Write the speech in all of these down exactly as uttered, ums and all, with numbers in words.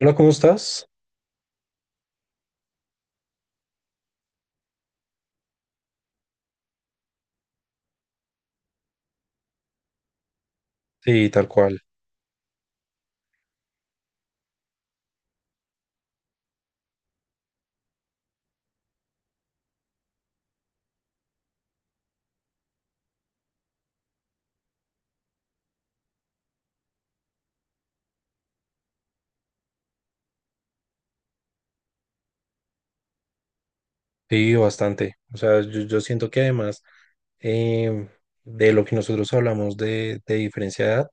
Hola, ¿cómo estás? Sí, tal cual. Sí, bastante. O sea, yo, yo siento que además em, de lo que nosotros hablamos de, de diferencia de edad, o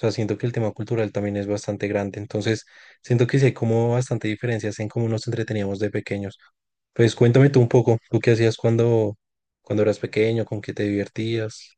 sea, siento que el tema cultural también es bastante grande. Entonces, siento que sí hay como bastante diferencias en cómo nos entreteníamos de pequeños. Pues cuéntame tú un poco, ¿tú qué hacías cuando, cuando eras pequeño? ¿Con qué te divertías?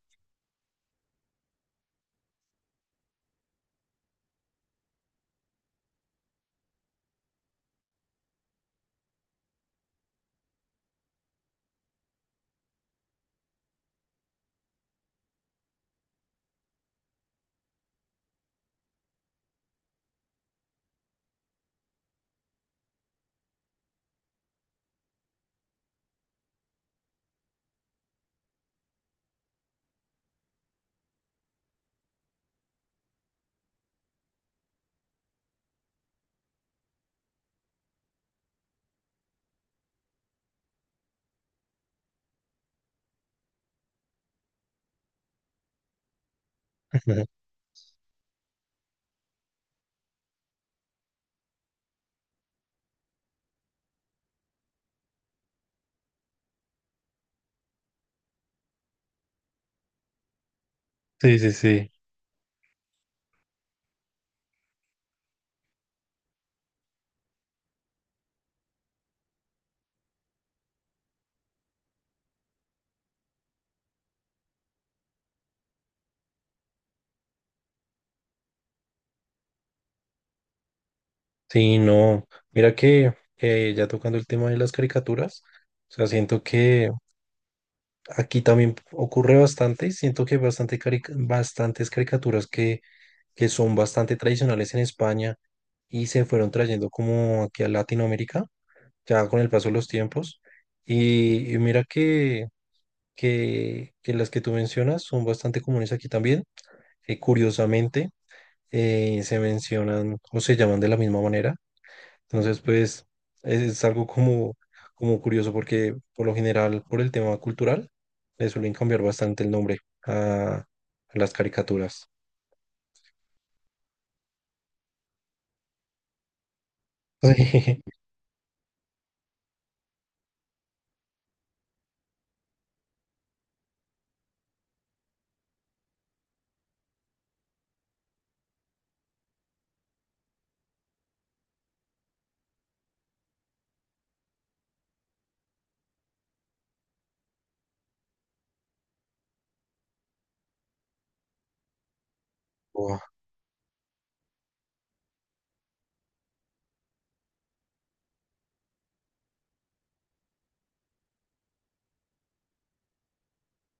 Sí, sí, sí. Sí, no. Mira que eh, ya tocando el tema de las caricaturas, o sea, siento que aquí también ocurre bastante, siento que hay bastante carica- bastantes caricaturas que, que son bastante tradicionales en España y se fueron trayendo como aquí a Latinoamérica, ya con el paso de los tiempos. Y, y mira que, que, que las que tú mencionas son bastante comunes aquí también. Eh, curiosamente, eh, se mencionan o se llaman de la misma manera. Entonces, pues es, es algo como, como curioso porque por lo general, por el tema cultural, le suelen cambiar bastante el nombre a, a las caricaturas. Sí. Buah,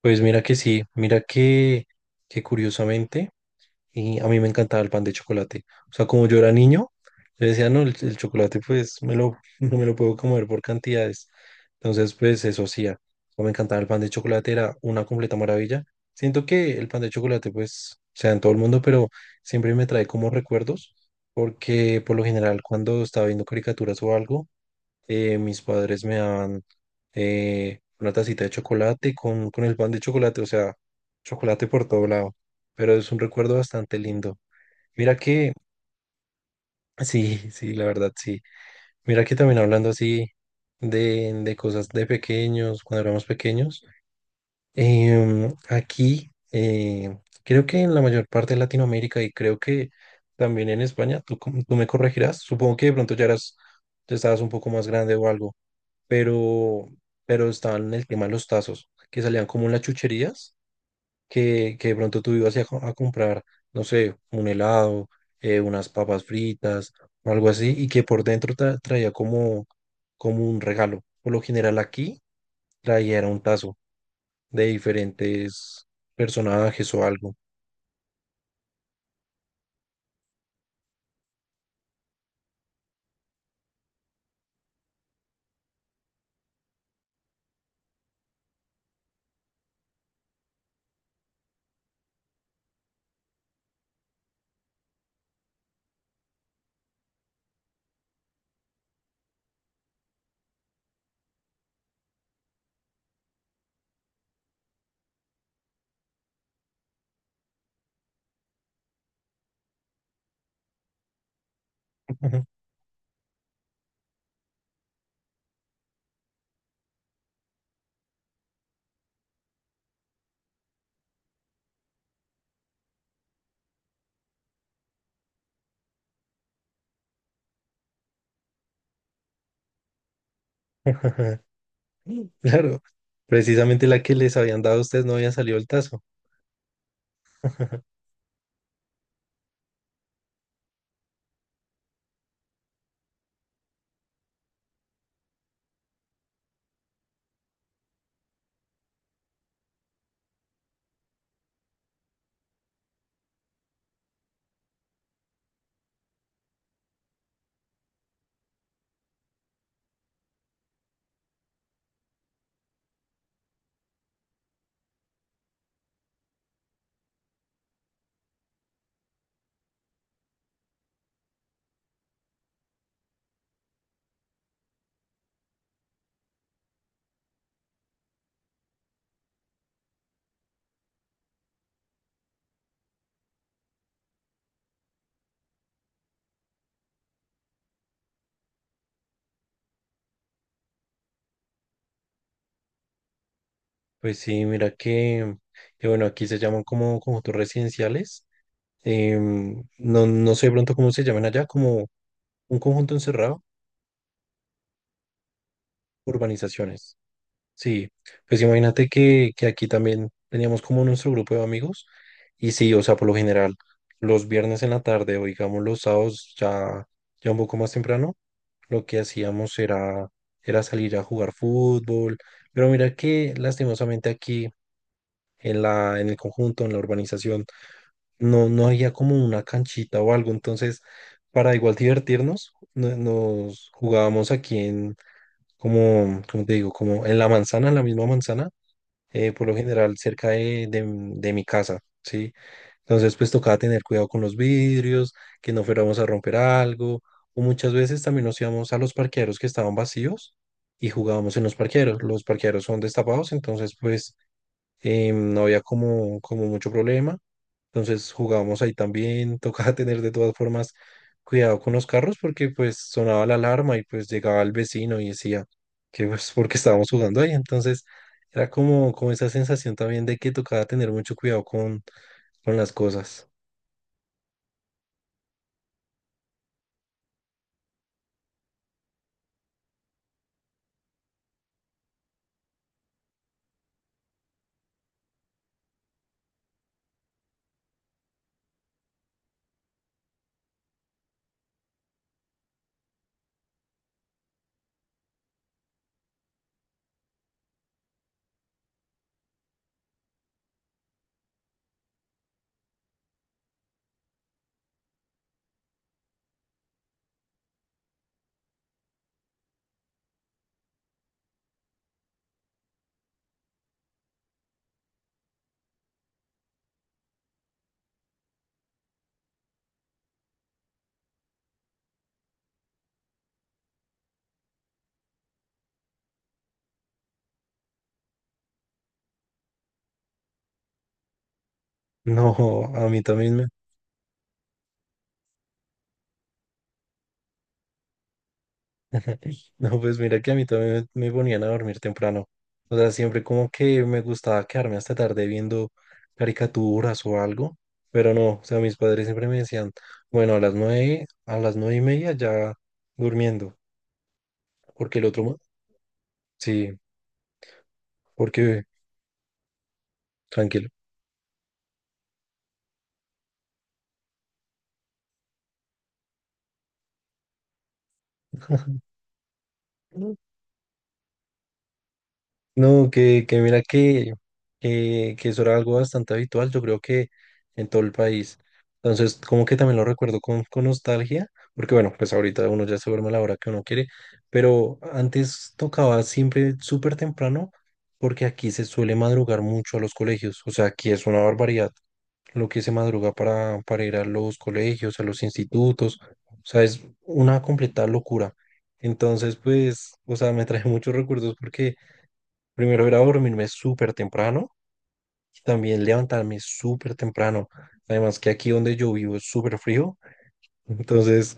pues mira que sí, mira que, que curiosamente. Y a mí me encantaba el pan de chocolate. O sea, como yo era niño, yo decía, no, el, el chocolate pues me lo, no me lo puedo comer por cantidades. Entonces, pues eso hacía. O me encantaba el pan de chocolate, era una completa maravilla. Siento que el pan de chocolate pues sea en todo el mundo, pero siempre me trae como recuerdos, porque por lo general cuando estaba viendo caricaturas o algo, eh, mis padres me daban eh, una tacita de chocolate con, con el pan de chocolate, o sea, chocolate por todo lado. Pero es un recuerdo bastante lindo. Mira que, sí, sí, la verdad, sí. Mira que también hablando así de, de cosas de pequeños, cuando éramos pequeños, em, aquí, eh, creo que en la mayor parte de Latinoamérica y creo que también en España, tú, com- tú me corregirás, supongo que de pronto ya eras, ya estabas un poco más grande o algo pero, pero estaban en el tema de los tazos, que salían como en las chucherías, que, que de pronto tú ibas a, co- a comprar, no sé, un helado, eh, unas papas fritas o algo así, y que por dentro tra- traía como, como un regalo. Por lo general aquí traía era un tazo de diferentes personajes o algo. Claro, precisamente la que les habían dado a ustedes no había salido el tazo. Pues sí, mira que, que bueno, aquí se llaman como conjuntos residenciales. Em, no, no sé de pronto cómo se llaman allá, como un conjunto encerrado, urbanizaciones. Sí, pues imagínate que, que aquí también teníamos como nuestro grupo de amigos y sí, o sea, por lo general, los viernes en la tarde o digamos los sábados ya, ya un poco más temprano, lo que hacíamos era, era salir a jugar fútbol, pero mira que lastimosamente aquí en la, en el conjunto, en la urbanización, no, no había como una canchita o algo, entonces para igual divertirnos, no- nos jugábamos aquí en, como, como te digo, como en la manzana, en la misma manzana, eh, por lo general cerca de, de m- de mi casa, ¿sí? Entonces pues tocaba tener cuidado con los vidrios, que no fuéramos a romper algo, o muchas veces también nos íbamos a los parqueaderos que estaban vacíos y jugábamos en los parqueaderos, los parqueaderos son destapados, entonces pues eh, no había como, como mucho problema. Entonces jugábamos ahí también, tocaba tener de todas formas cuidado con los carros porque pues sonaba la alarma y pues llegaba el vecino y decía que pues porque estábamos jugando ahí. Entonces era como, como esa sensación también de que tocaba tener mucho cuidado con, con las cosas. No, a mí también me- no, pues mira que a mí también me me ponían a dormir temprano. O sea, siempre como que me gustaba quedarme hasta tarde viendo caricaturas o algo, pero no, o sea, mis padres siempre me decían, bueno, a las nueve, a las nueve y media ya durmiendo, porque el otro, ma- sí, porque tranquilo. No, que, que mira que, que, que eso era algo bastante habitual, yo creo que en todo el país. Entonces, como que también lo recuerdo con, con nostalgia, porque bueno, pues ahorita uno ya se duerme a la hora que uno quiere, pero antes tocaba siempre súper temprano, porque aquí se suele madrugar mucho a los colegios, o sea, aquí es una barbaridad lo que se madruga para, para ir a los colegios, a los institutos, o sea, es una completa locura. Entonces, pues, o sea, me trae muchos recuerdos porque primero era dormirme súper temprano y también levantarme súper temprano. Además que aquí donde yo vivo es súper frío, entonces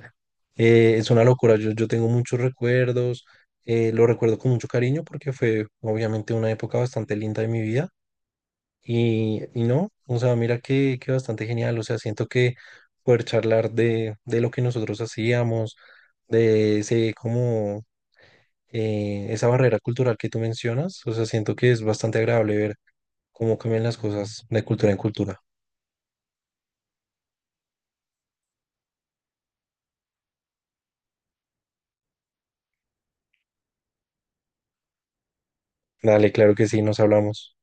eh, es una locura. Yo, yo tengo muchos recuerdos, eh, lo recuerdo con mucho cariño porque fue obviamente una época bastante linda de mi vida y, y no, o sea, mira que, que bastante genial. O sea, siento que poder charlar de, de lo que nosotros hacíamos, de ese como eh, esa barrera cultural que tú mencionas, o sea, siento que es bastante agradable ver cómo cambian las cosas de cultura en cultura. Dale, claro que sí, nos hablamos.